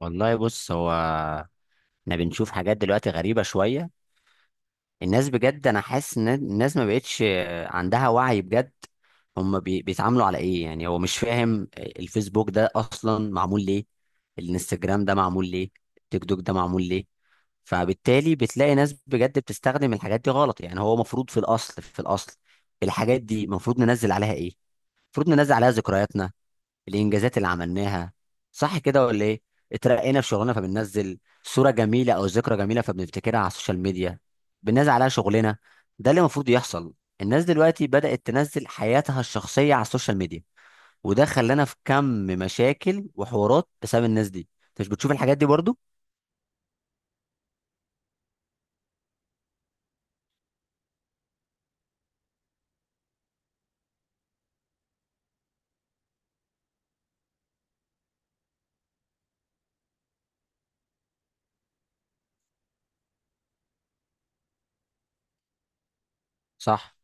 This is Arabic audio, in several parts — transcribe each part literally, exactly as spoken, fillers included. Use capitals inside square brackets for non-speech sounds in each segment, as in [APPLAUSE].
والله بص، هو احنا بنشوف حاجات دلوقتي غريبة شوية. الناس بجد انا حاسس ان الناس ما بقتش عندها وعي بجد. هم بي- بيتعاملوا على ايه؟ يعني هو مش فاهم الفيسبوك ده اصلا معمول ليه، الانستجرام ده معمول ليه، التيك توك ده معمول ليه. فبالتالي بتلاقي ناس بجد بتستخدم الحاجات دي غلط. يعني هو المفروض في الاصل في الاصل الحاجات دي المفروض ننزل عليها ايه؟ المفروض ننزل عليها ذكرياتنا، الانجازات اللي عملناها، صح كده ولا ايه؟ اترقينا في شغلنا فبننزل صوره جميله او ذكرى جميله فبنفتكرها على السوشيال ميديا، بننزل عليها شغلنا. ده اللي المفروض يحصل. الناس دلوقتي بدات تنزل حياتها الشخصيه على السوشيال ميديا، وده خلانا في كم مشاكل وحوارات بسبب الناس دي. انت مش بتشوف الحاجات دي برضو؟ صح،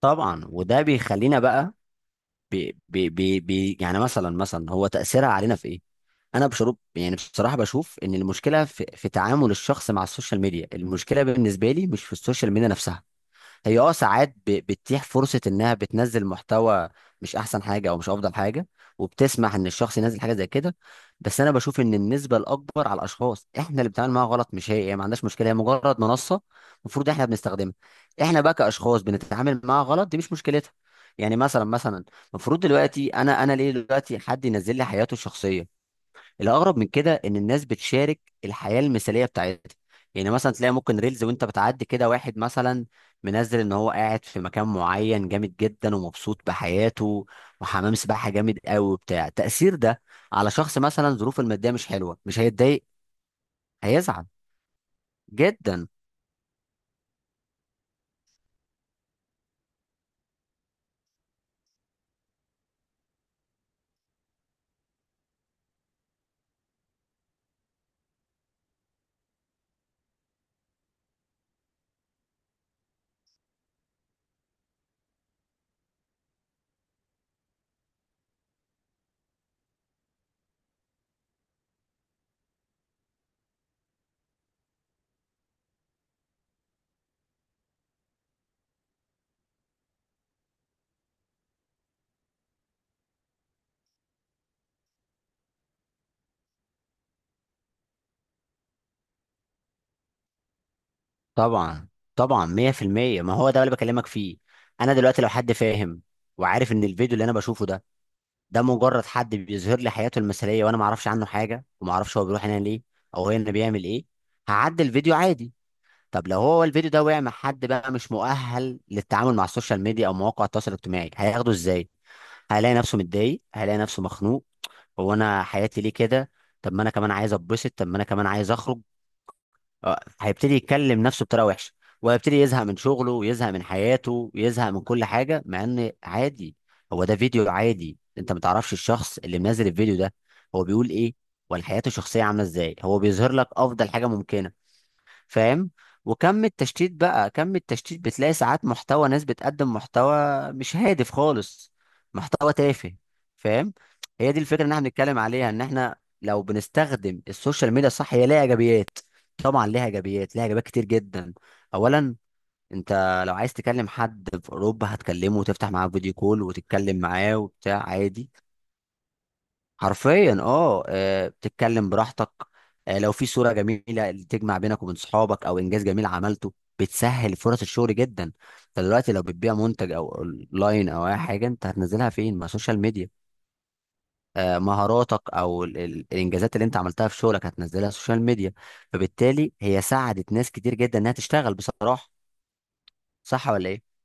طبعا. وده بيخلينا بقى بي بي بي بي يعني مثلا مثلا هو تأثيرها علينا في ايه؟ انا بشرب يعني بصراحة بشوف ان المشكلة في, في تعامل الشخص مع السوشيال ميديا. المشكلة بالنسبة لي مش في السوشيال ميديا نفسها. هي اه ساعات ب- بتتيح فرصة انها بتنزل محتوى مش احسن حاجة او مش افضل حاجة، وبتسمح ان الشخص ينزل حاجة زي كده. بس انا بشوف ان النسبة الاكبر على الاشخاص، احنا اللي بنتعامل معاها غلط. مش هي هي ما عندهاش مشكلة. هي مجرد منصة المفروض احنا بنستخدمها. احنا بقى كاشخاص بنتعامل معاها غلط، دي مش مشكلتها. يعني مثلا مثلا المفروض دلوقتي انا انا ليه دلوقتي حد ينزل لي حياته الشخصية؟ الاغرب من كده ان الناس بتشارك الحياه المثاليه بتاعتها. يعني مثلا تلاقي ممكن ريلز وانت بتعدي كده واحد مثلا منزل ان هو قاعد في مكان معين جامد جدا ومبسوط بحياته وحمام سباحه جامد قوي وبتاع. تاثير ده على شخص مثلا ظروفه الماديه مش حلوه، مش هيتضايق؟ هيزعل جدا. طبعا، طبعا، مئة في المئة ما هو ده اللي بكلمك فيه. انا دلوقتي لو حد فاهم وعارف ان الفيديو اللي انا بشوفه ده، ده مجرد حد بيظهر لي حياته المثاليه، وانا ما اعرفش عنه حاجه وما اعرفش هو بيروح هنا ليه او هنا بيعمل ايه، هعدي الفيديو عادي. طب لو هو الفيديو ده وقع مع حد بقى مش مؤهل للتعامل مع السوشيال ميديا او مواقع التواصل الاجتماعي، هياخده ازاي؟ هيلاقي نفسه متضايق، هيلاقي نفسه مخنوق. هو انا حياتي ليه كده؟ طب ما انا كمان عايز اتبسط، طب ما انا كمان عايز اخرج. آه، هيبتدي يتكلم نفسه بطريقه وحشه، وهيبتدي يزهق من شغله ويزهق من حياته ويزهق من كل حاجه. مع ان عادي، هو ده فيديو عادي. انت ما تعرفش الشخص اللي منزل الفيديو ده هو بيقول ايه ولا حياته الشخصيه عامله ازاي. هو بيظهر لك افضل حاجه ممكنه، فاهم؟ وكم التشتيت بقى، كم التشتيت. بتلاقي ساعات محتوى، ناس بتقدم محتوى مش هادف خالص، محتوى تافه، فاهم؟ هي دي الفكره ان احنا بنتكلم عليها، ان احنا لو بنستخدم السوشيال ميديا صح هي ليها ايجابيات. طبعا ليها ايجابيات، ليها ايجابيات كتير جدا. اولا، انت لو عايز تكلم حد في اوروبا هتكلمه وتفتح معاه فيديو كول وتتكلم معاه وبتاع عادي. حرفيا اه. آه، بتتكلم براحتك. آه، لو في صورة جميلة اللي تجمع بينك وبين صحابك او انجاز جميل عملته. بتسهل فرص الشغل جدا. انت دلوقتي لو بتبيع منتج او اونلاين او اي حاجة انت هتنزلها فين؟ ما سوشيال ميديا. آه، مهاراتك او ال- ال- الانجازات اللي انت عملتها في شغلك هتنزلها سوشيال ميديا. فبالتالي هي ساعدت ناس كتير جدا انها تشتغل بصراحة. صح ولا ايه؟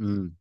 امم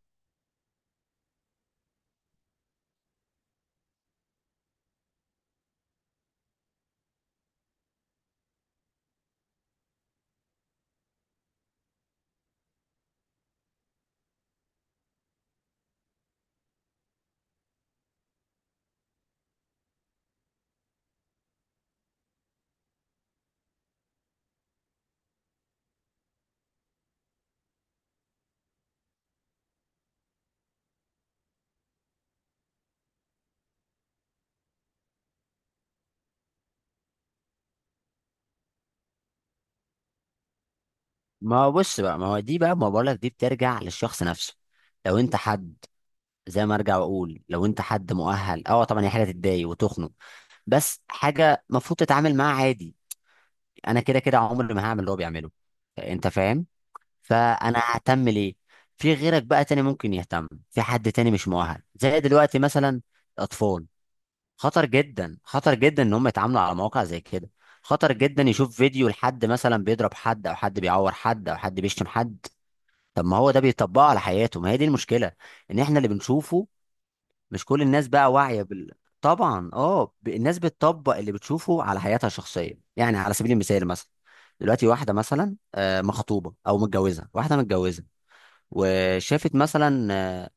ما هو بص بقى، ما هو دي بقى ما بقولك، دي بترجع للشخص نفسه. لو انت حد، زي ما ارجع واقول، لو انت حد مؤهل، اه طبعا هي حاجه تتضايق وتخنق، بس حاجه المفروض تتعامل معاها عادي. انا كده كده عمري ما هعمل اللي هو بيعمله، انت فاهم؟ فانا ههتم ليه؟ في غيرك بقى تاني ممكن يهتم، في حد تاني مش مؤهل زي دلوقتي مثلا الاطفال. خطر جدا خطر جدا ان هم يتعاملوا على مواقع زي كده. خطر جدا يشوف فيديو لحد مثلا بيضرب حد او حد بيعور حد او حد بيشتم حد. طب ما هو ده بيطبقه على حياته، ما هي دي المشكله. ان احنا اللي بنشوفه، مش كل الناس بقى واعية بال... طبعا اه. ب- الناس بتطبق اللي بتشوفه على حياتها الشخصية. يعني على سبيل المثال مثلا، دلوقتي واحدة مثلا آه، مخطوبة أو متجوزة، واحدة متجوزة وشافت مثلا آه،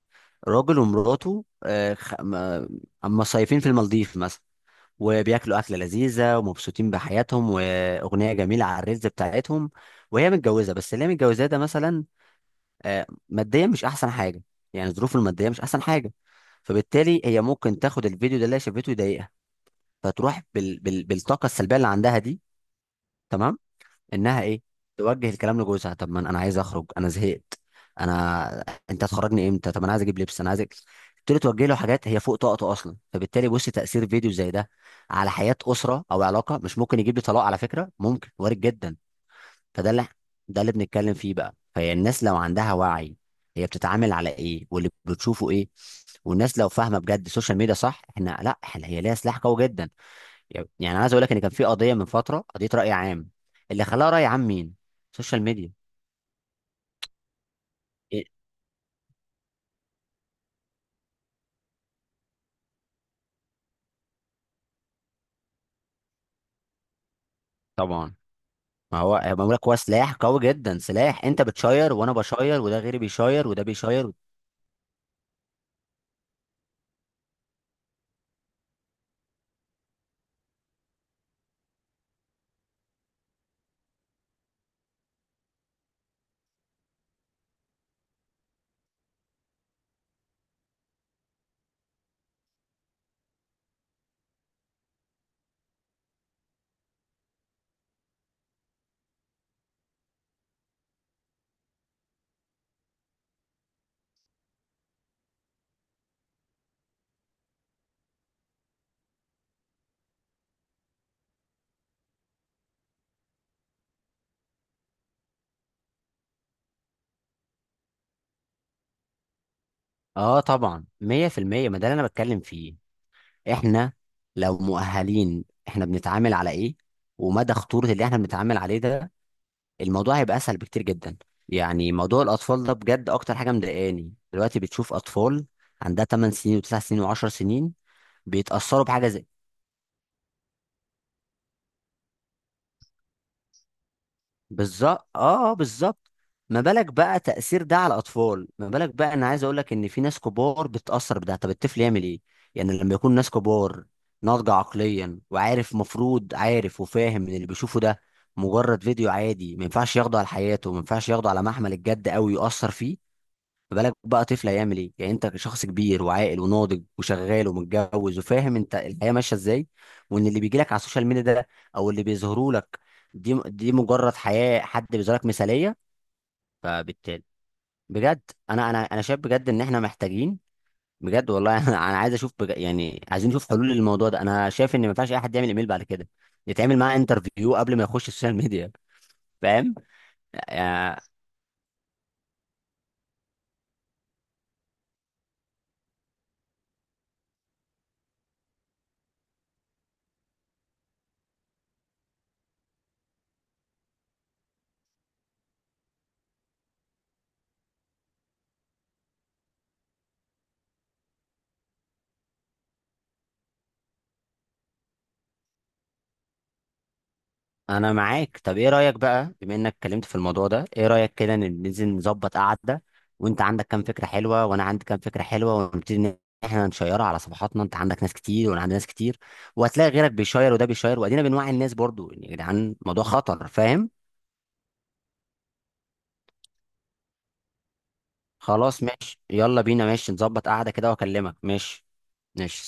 راجل ومراته آه، خ- م- أم مصيفين في المالديف مثلا، وبياكلوا أكلة لذيذة ومبسوطين بحياتهم وأغنية جميلة على الريلز بتاعتهم. وهي متجوزة، بس اللي هي متجوزاه ده مثلا آه، ماديا مش احسن حاجه. يعني الظروف الماديه مش احسن حاجه. فبالتالي هي ممكن تاخد الفيديو ده اللي هي شافته يضايقها، فتروح بال... بال... بالطاقه السلبيه اللي عندها دي، تمام، انها ايه، توجه الكلام لجوزها. طب ما انا عايز اخرج، انا زهقت، انا انت هتخرجني امتى؟ طب انا عايز اجيب لبس، انا عايز أجيب. تبتدي توجه له حاجات هي فوق طاقته اصلا. فبالتالي بص، تاثير فيديو زي ده على حياه اسره او علاقه مش ممكن. يجيب لي طلاق؟ على فكره ممكن، وارد جدا. فده اللي، ده اللي بنتكلم فيه بقى. فهي الناس لو عندها وعي، هي بتتعامل على ايه واللي بتشوفه ايه. والناس لو فاهمه بجد السوشيال ميديا صح، احنا لا احنا، هي ليها سلاح قوي جدا. يعني عايز اقول لك ان كان في قضيه من فتره، قضيه راي عام، اللي خلاها راي عام مين؟ السوشيال ميديا. إيه؟ طبعا. ما هو ما بقول لك، هو سلاح قوي جدا. سلاح، انت بتشير وانا بشير وده غيري بيشير وده بيشير. اه طبعا، مئة في المئة ما ده اللي انا بتكلم فيه. احنا لو مؤهلين احنا بنتعامل على ايه ومدى خطورة اللي احنا بنتعامل عليه ده، الموضوع هيبقى اسهل بكتير جدا. يعني موضوع الاطفال ده بجد اكتر حاجة مضايقاني دلوقتي. بتشوف اطفال عندها 8 سنين و9 سنين و10 سنين بيتأثروا بحاجة زي... بالظبط، اه، آه، بالظبط. ما بالك بقى تأثير ده على الأطفال؟ ما بالك بقى، أنا عايز أقول لك إن في ناس كبار بتأثر بده، طب الطفل يعمل إيه؟ يعني لما يكون ناس كبار ناضجة عقليا وعارف، مفروض عارف وفاهم إن اللي بيشوفه ده مجرد فيديو عادي، ما ينفعش ياخده على حياته، ما ينفعش ياخده على محمل الجد أوي يؤثر فيه، ما بالك بقى طفل هيعمل ايه؟ يعني انت شخص كبير وعاقل وناضج وشغال ومتجوز وفاهم انت الحياه ماشيه ازاي، وان اللي بيجي لك على السوشيال ميديا ده او اللي بيظهروا لك، دي دي مجرد حياه حد بيظهر لك مثاليه. فبالتالي بجد، انا انا انا شايف بجد ان احنا محتاجين بجد والله [LAUGHS] انا انا عايز اشوف بج... يعني عايزين نشوف حلول للموضوع ده. انا شايف ان ما ينفعش اي حد يعمل ايميل بعد كده، يتعمل معاه انترفيو قبل ما يخش السوشيال ميديا، فاهم؟ انا معاك. طب ايه رايك بقى، بما انك اتكلمت في الموضوع ده، ايه رايك كده ن- ننزل نظبط قعده، وانت عندك كام فكره حلوه وانا عندي كام فكره حلوه، ونبتدي ان احنا نشيرها على صفحاتنا؟ انت عندك ناس كتير وانا عندي ناس كتير، وهتلاقي غيرك بيشير وده بيشير، وادينا بنوعي الناس برضو، يعني يا جدعان الموضوع خطر، فاهم؟ خلاص ماشي، يلا بينا. ماشي، نظبط قعده كده واكلمك. ماشي. ماشي.